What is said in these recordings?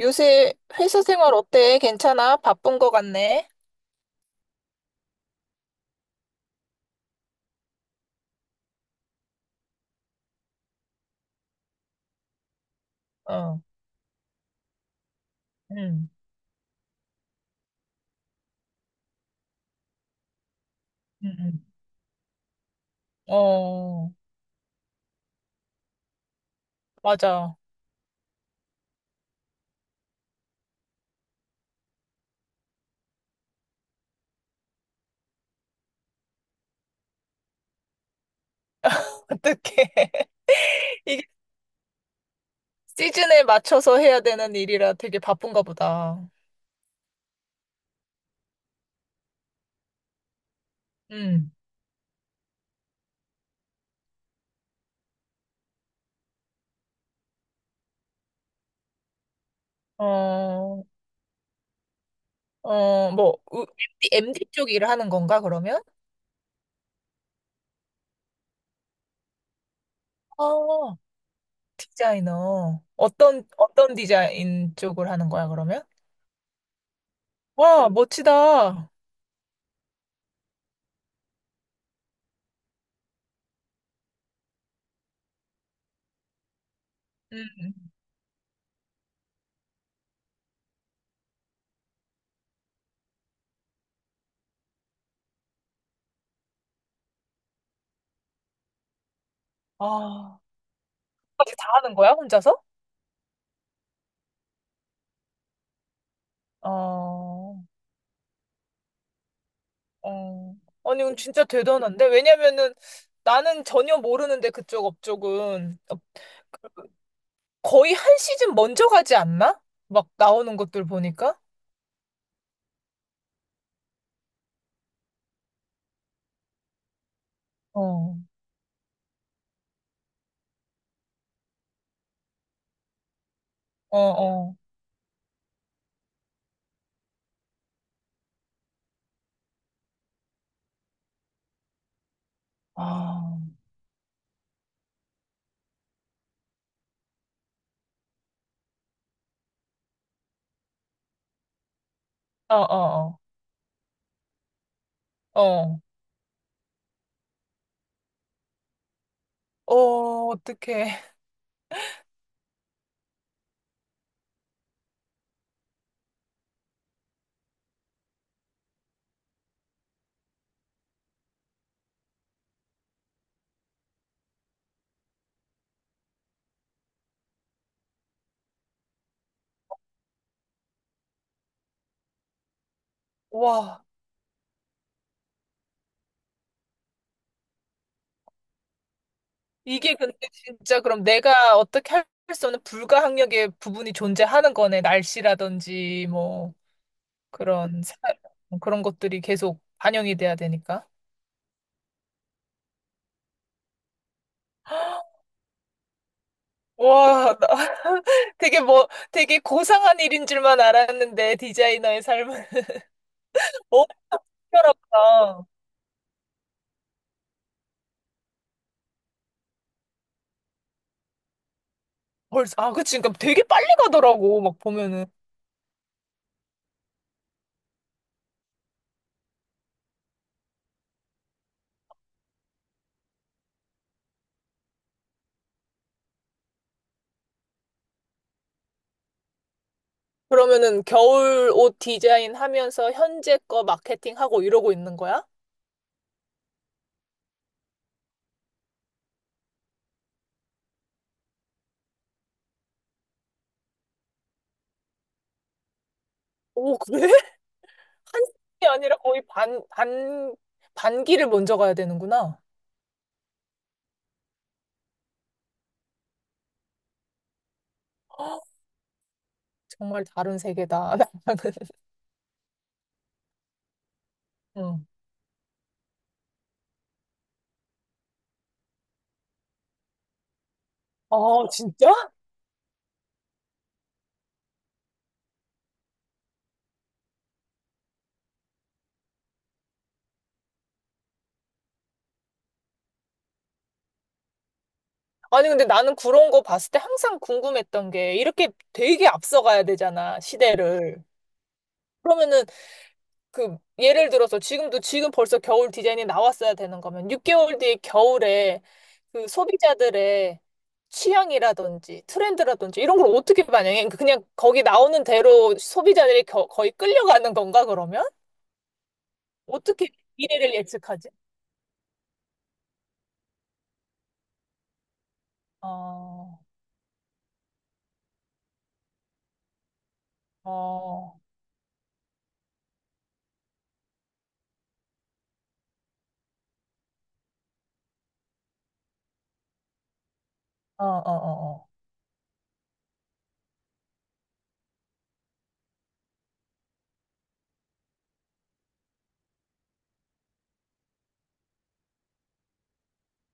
요새 회사 생활 어때? 괜찮아? 바쁜 거 같네? 어, 응, 응, 응. 어, 맞아. 어떡해. 이게 시즌에 맞춰서 해야 되는 일이라 되게 바쁜가 보다. 응, 어, 어, 뭐, MD, MD 쪽 일을 하는 건가, 그러면? 어, 디자이너. 어떤 디자인 쪽을 하는 거야, 그러면? 와, 멋지다. 응, 아, 까지 다 하는 거야, 혼자서? 어. 어. 아니, 이건 진짜 대단한데? 왜냐면은 나는 전혀 모르는데 그쪽 업적은 거의 한 시즌 먼저 가지 않나? 막 나오는 것들 보니까? 어, 어, 어. 아, 어, 어, 어. 어, 어, 어떡해. 와. 이게 근데 진짜 그럼 내가 어떻게 할 수 없는 불가항력의 부분이 존재하는 거네. 날씨라든지 뭐 그런 사- 뭐 그런 것들이 계속 반영이 돼야 되니까. 와, 나 되게 뭐, 되게 고상한 일인 줄만 알았는데, 디자이너의 삶은. 어, 희한하다. 벌써, 아, 그치. 그러니까 되게 빨리 가더라고, 막 보면은. 그러면은 겨울 옷 디자인 하면서 현재 거 마케팅하고 이러고 있는 거야? 오, 그래? 한 시즌이 아니라 거의 반기를 먼저 가야 되는구나. 헉, 정말 다른 세계다. 나랑은. 응. 아, 진짜? 아니, 근데 나는 그런 거 봤을 때 항상 궁금했던 게, 이렇게 되게 앞서가야 되잖아, 시대를. 그러면은 그 예를 들어서 지금도 지금 벌써 겨울 디자인이 나왔어야 되는 거면 6개월 뒤에 겨울에 그 소비자들의 취향이라든지 트렌드라든지 이런 걸 어떻게 반영해? 그 그냥 거기 나오는 대로 소비자들이 거의 끌려가는 건가 그러면? 어떻게 미래를 예측하지? 어, 어, 어, 어, 어,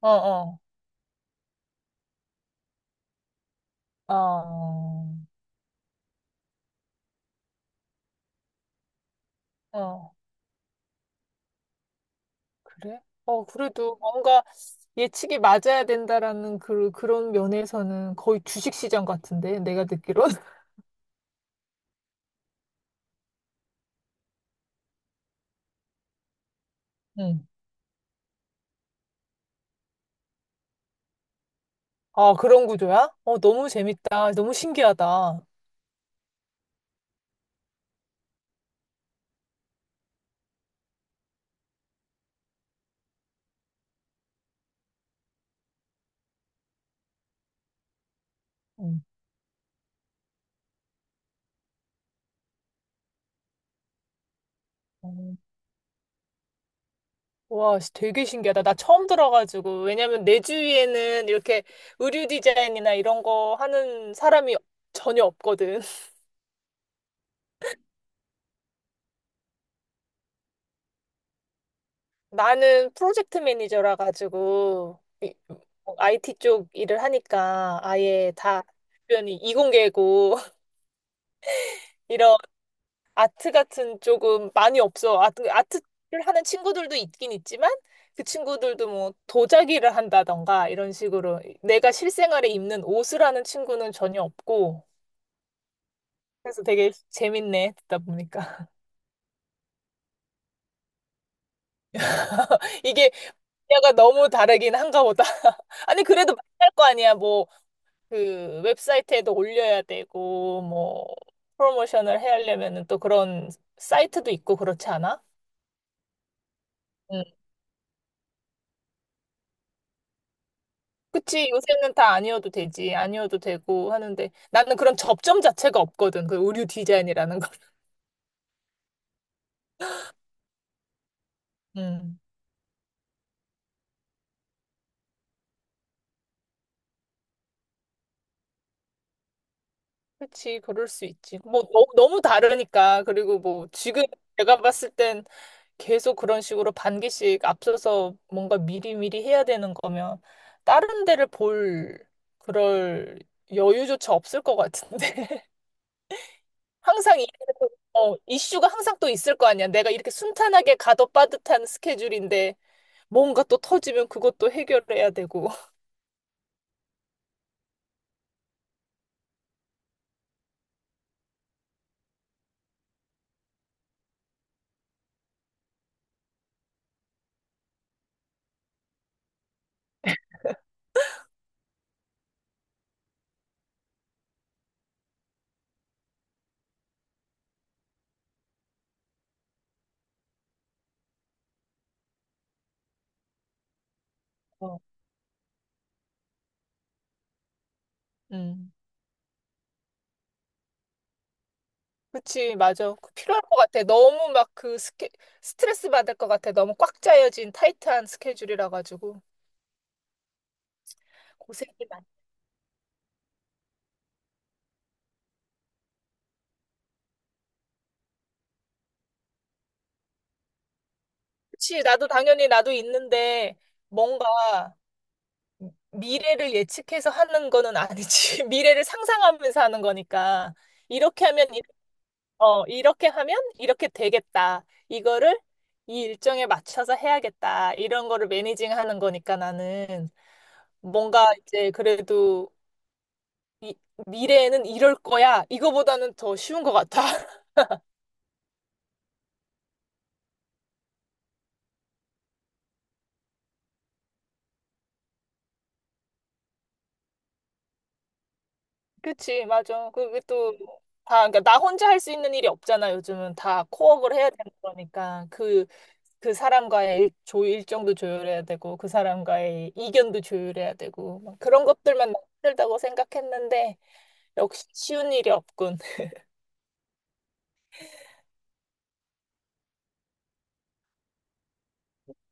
어, 어, 어, 어, 어. 그래? 어, 그래도 뭔가 예측이 맞아야 된다라는 그런 면에서는 거의 주식시장 같은데, 내가 듣기론. 응. 아, 그런 구조야? 어, 너무 재밌다. 너무 신기하다. 응. 어, 와, 씨, 되게 신기하다. 나 처음 들어가지고. 왜냐면 내 주위에는 이렇게 의류 디자인이나 이런 거 하는 사람이 전혀 없거든. 나는 프로젝트 매니저라 가지고 IT 쪽 일을 하니까 아예 다 주변이 이공계고 이런 아트 같은 조금 많이 없어. 아트를 하는 친구들도 있긴 있지만 그 친구들도 뭐 도자기를 한다던가 이런 식으로 내가 실생활에 입는 옷을 하는 친구는 전혀 없고 그래서 되게 재밌네 듣다 보니까 이게 분야가 너무 다르긴 한가 보다. 아니 그래도 만날 거 아니야. 뭐 그 웹사이트에도 올려야 되고 뭐 프로모션을 해야 하려면은 또 그런 사이트도 있고 그렇지 않아? 그치, 요새는 다 아니어도 되지. 아니어도 되고 하는데. 나는 그런 접점 자체가 없거든. 그 의류 디자인이라는 거. 음. 그치, 그럴 수 있지. 뭐, 너무 다르니까. 그리고 뭐, 지금 내가 봤을 땐 계속 그런 식으로 반기씩 앞서서 뭔가 미리미리 해야 되는 거면 다른 데를 볼 그럴 여유조차 없을 것 같은데. 항상 이, 어, 이슈가 항상 또 있을 거 아니야. 내가 이렇게 순탄하게 가도 빠듯한 스케줄인데. 뭔가 또 터지면 그것도 해결해야 되고. 어, 음. 그치, 맞아. 그 필요할 것 같아. 너무 막 그 스케, 스트레스 받을 것 같아. 너무 꽉 짜여진 타이트한 스케줄이라 가지고. 고생이 많아. 그치, 나도 당연히 나도 있는데, 뭔가 미래를 예측해서 하는 거는 아니지. 미래를 상상하면서 하는 거니까. 이렇게 하면, 이- 어, 이렇게 하면 이렇게 되겠다. 이거를 이 일정에 맞춰서 해야겠다. 이런 거를 매니징 하는 거니까 나는. 뭔가 이제 그래도 이, 미래에는 이럴 거야. 이거보다는 더 쉬운 것 같아. 그치, 맞아. 그게 또 다, 그러니까 나 혼자 할 수 있는 일이 없잖아. 요즘은 다 코업을 해야 되는 거니까. 그, 일정도 조율해야 되고, 그 사람과의 이견도 조율해야 되고, 막 그런 것들만 너무 힘들다고 생각했는데, 역시 쉬운 일이 없군.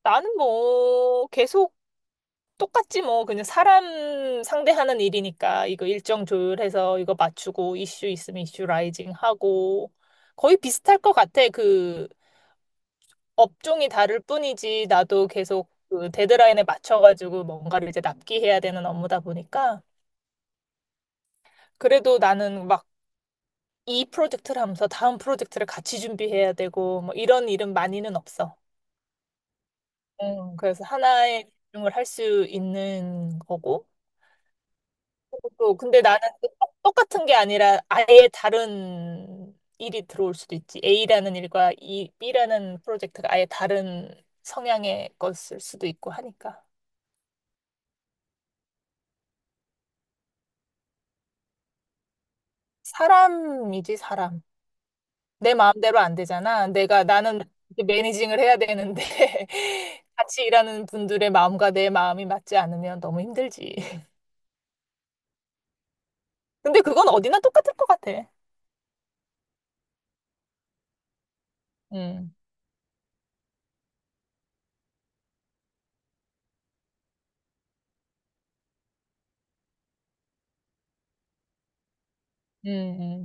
나는 뭐, 계속 똑같지 뭐 그냥 사람 상대하는 일이니까 이거 일정 조율해서 이거 맞추고 이슈 있으면 이슈 라이징 하고 거의 비슷할 것 같아. 그 업종이 다를 뿐이지 나도 계속 그 데드라인에 맞춰가지고 뭔가를 이제 납기해야 되는 업무다 보니까 그래도 나는 막 이 프로젝트를 하면서 다음 프로젝트를 같이 준비해야 되고 뭐 이런 일은 많이는 없어. 그래서 하나에 집중을 할 수 있는 거고. 또 근데 나는 그 똑같은 게 아니라 아예 다른 일이 들어올 수도 있지. A라는 일과 이 B라는 프로젝트가 아예 다른 성향의 것일 수도 있고 하니까. 사람이지, 사람. 내 마음대로 안 되잖아. 내가 나는 이제 매니징을 해야 되는데 같이 일하는 분들의 마음과 내 마음이 맞지 않으면 너무 힘들지. 근데 그건 어디나 똑같을 것 같아. 음, 음,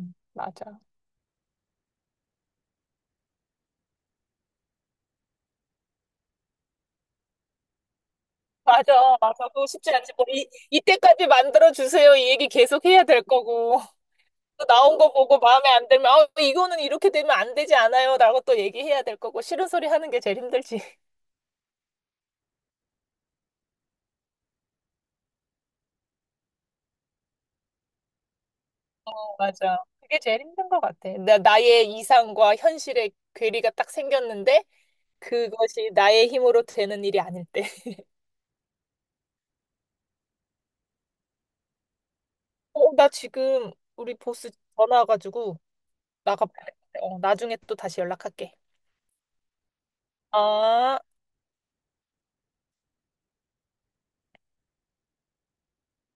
맞아. 맞아, 맞아. 그거 쉽지 않지. 뭐, 이때까지 만들어주세요. 이 얘기 계속 해야 될 거고. 또 나온 거 보고 마음에 안 들면, 아, 이거는 이렇게 되면 안 되지 않아요. 라고 또 얘기해야 될 거고. 싫은 소리 하는 게 제일 힘들지. 어, 맞아. 그게 제일 힘든 것 같아. 나의 이상과 현실의 괴리가 딱 생겼는데, 그것이 나의 힘으로 되는 일이 아닐 때. 어, 나 지금 우리 보스 전화 와가지고 나가봐야 돼. 어, 나중에 또 다시 연락할게. 아.